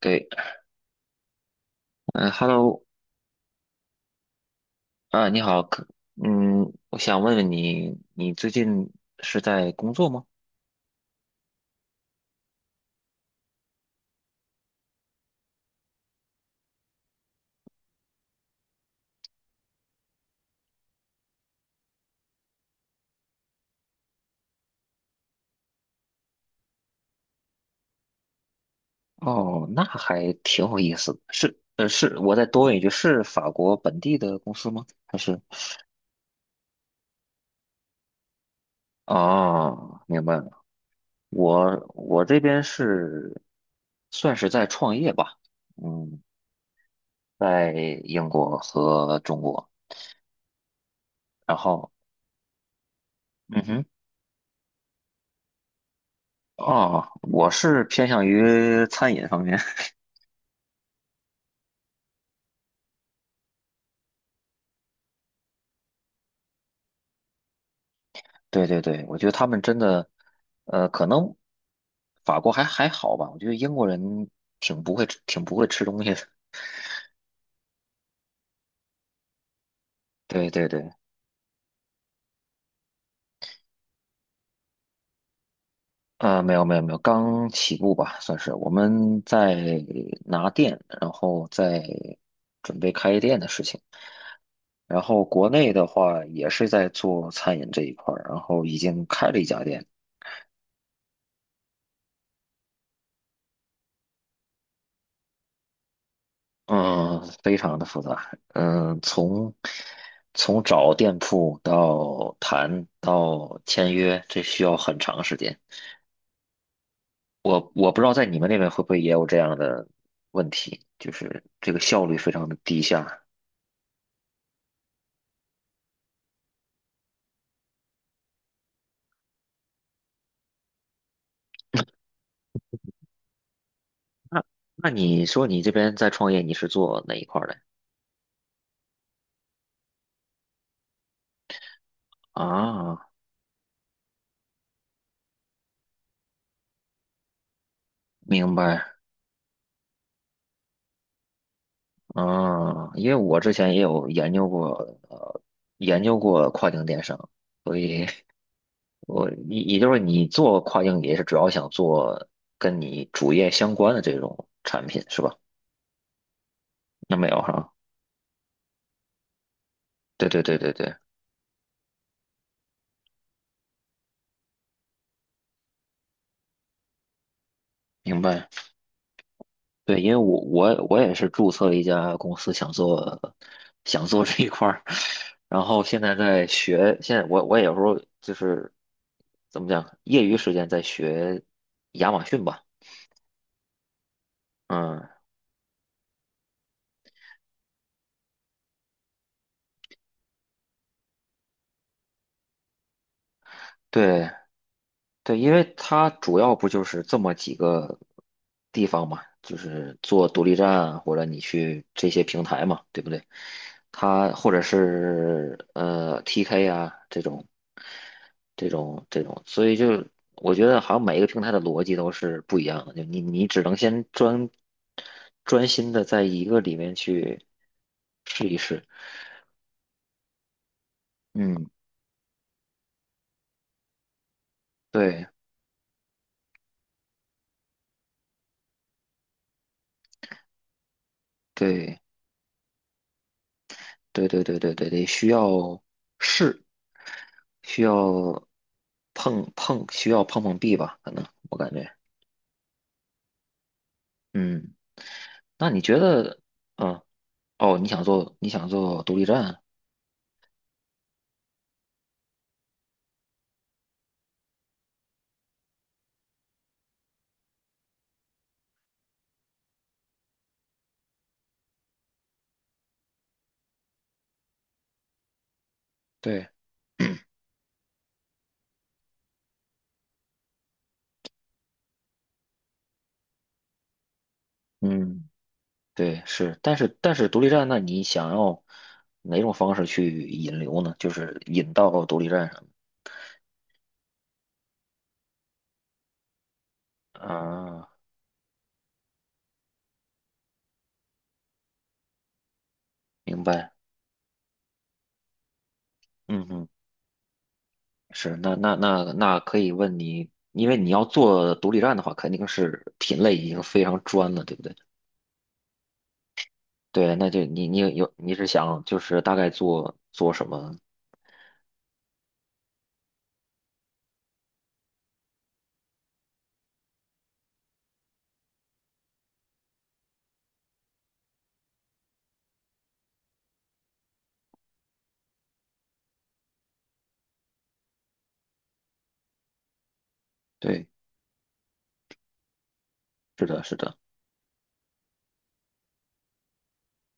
对。嗯。Hello。啊，你好，嗯，我想问问你，你最近是在工作吗？哦，那还挺有意思的，是，我再多问一句，是法国本地的公司吗？还是？哦，明白了。我这边是算是在创业吧。嗯。在英国和中国，然后，嗯哼。哦，我是偏向于餐饮方面。对对对，我觉得他们真的，可能法国还好吧。我觉得英国人挺不会吃东西的。对对对。啊，没有没有没有，刚起步吧，算是我们在拿店，然后在准备开店的事情。然后国内的话也是在做餐饮这一块儿，然后已经开了一家店。嗯，非常的复杂。嗯，从找店铺到谈到签约，这需要很长时间。我不知道在你们那边会不会也有这样的问题，就是这个效率非常的低下。那你说你这边在创业，你是做哪一块儿的？啊，明白。啊，因为我之前也有呃，研究过跨境电商。所以。我也就是你做跨境也是主要想做跟你主业相关的这种产品是吧？那没有哈。对对对对对。明白。对，因为我也是注册了一家公司，想做这一块儿，然后现在在学。现在我也有时候就是怎么讲，业余时间在学亚马逊吧。嗯，对对，因为它主要不就是这么几个地方嘛，就是做独立站或者你去这些平台嘛，对不对？它或者是TK 啊这种，所以就我觉得好像每一个平台的逻辑都是不一样的，就你只能先专心的在一个里面去试一试。嗯，对对对对对对对，得需要试。需要碰碰壁吧？可能我感觉。嗯，那你觉得。嗯，哦，你想做独立站。对，嗯，对，是，但是独立站，那你想要哪种方式去引流呢？就是引到独立站上。啊，明白，嗯哼。是，那可以问你，因为你要做独立站的话，肯定是品类已经非常专了，对不对？对，那就你是想就是大概做做什么？对，是的，是的。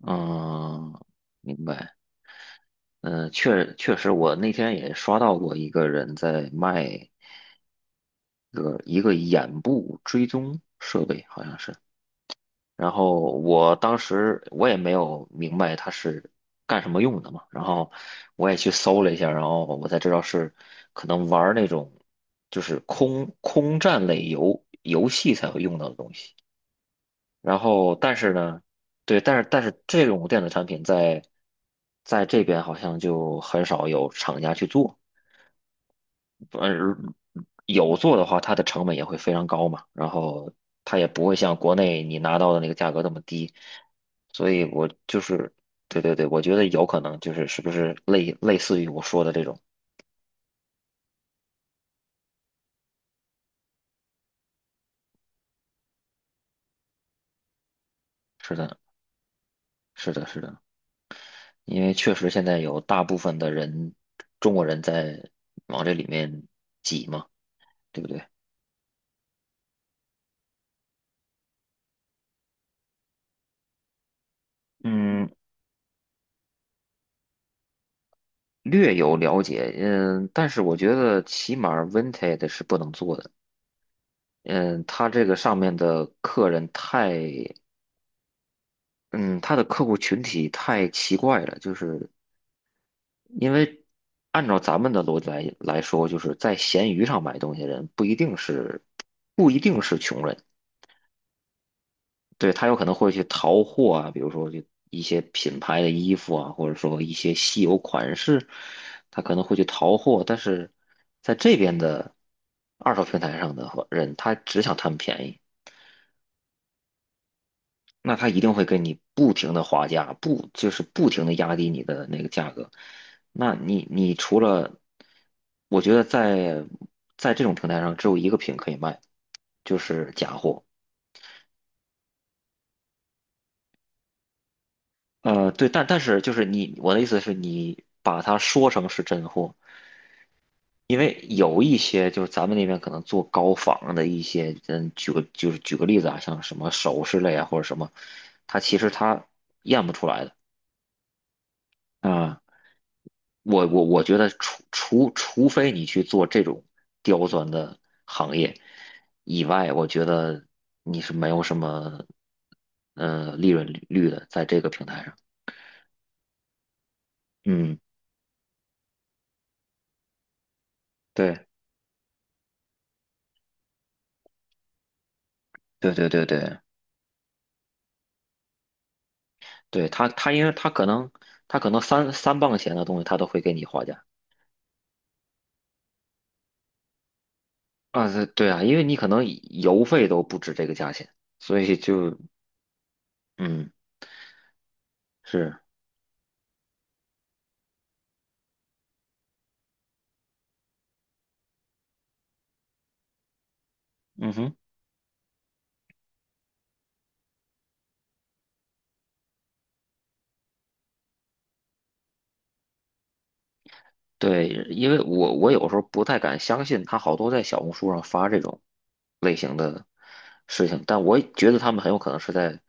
嗯，明白。嗯，确实。我那天也刷到过一个人在卖一个眼部追踪设备，好像是。然后我当时我也没有明白它是干什么用的嘛。然后我也去搜了一下，然后我才知道是可能玩儿那种就是空战类游戏才会用到的东西。然后，但是呢，对，但是这种电子产品在这边好像就很少有厂家去做。嗯，有做的话，它的成本也会非常高嘛，然后它也不会像国内你拿到的那个价格那么低，所以我就是。对对对，我觉得有可能就是是不是类似于我说的这种。是的，是的，是的。因为确实现在有大部分的人中国人在往这里面挤嘛，对不对？嗯，略有了解。嗯，但是我觉得起码 Vinted 是不能做的。嗯，他这个上面的客人太。嗯，他的客户群体太奇怪了，就是因为按照咱们的逻辑来说，就是在闲鱼上买东西的人不一定是穷人。对，他有可能会去淘货啊，比如说就一些品牌的衣服啊，或者说一些稀有款式，他可能会去淘货。但是在这边的二手平台上的话人，他只想贪便宜，那他一定会跟你不停的划价，不就是不停的压低你的那个价格。那你除了。我觉得在这种平台上只有一个品可以卖，就是假货。对，但是就是你。我的意思是你把它说成是真货，因为有一些就是咱们那边可能做高仿的一些。嗯，举个例子啊，像什么首饰类啊或者什么，它其实它验不出来的啊。我觉得除非你去做这种刁钻的行业以外，我觉得你是没有什么利润率的在这个平台上。嗯，对对对对对。对，他因为他可能三磅钱的东西他都会给你划价。啊，对对啊，因为你可能邮费都不止这个价钱，所以就。嗯是。嗯哼。对，因为我有时候不太敢相信他好多在小红书上发这种类型的事情。但我觉得他们很有可能是在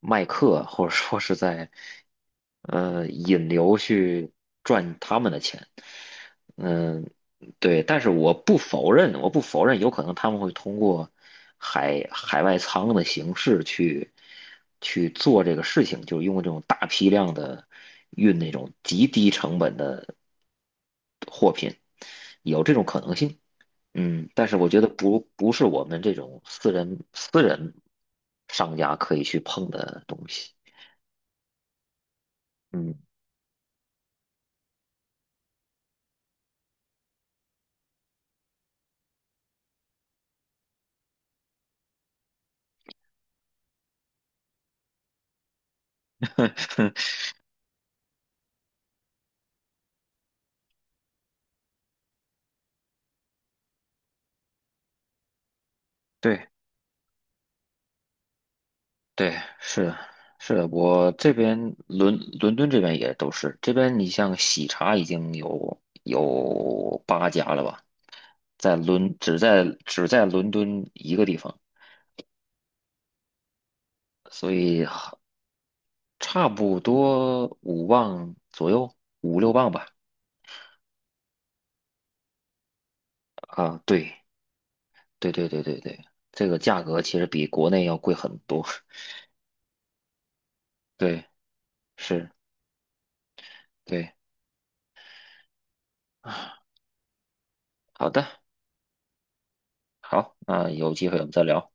卖课，或者说是在引流去赚他们的钱。嗯、对，但是我不否认，有可能他们会通过海外仓的形式去做这个事情，就是用这种大批量的运那种极低成本的货品，有这种可能性。嗯，但是我觉得不是我们这种私人商家可以去碰的东西。嗯。对。对，是的，是的。我这边伦敦这边也都是。这边你像喜茶已经有8家了吧，在伦只在只在伦敦一个地方，所以差不多5磅左右，5、6磅吧。啊，对，对对对对对。这个价格其实比国内要贵很多。对，是，对。好的。好，那有机会我们再聊。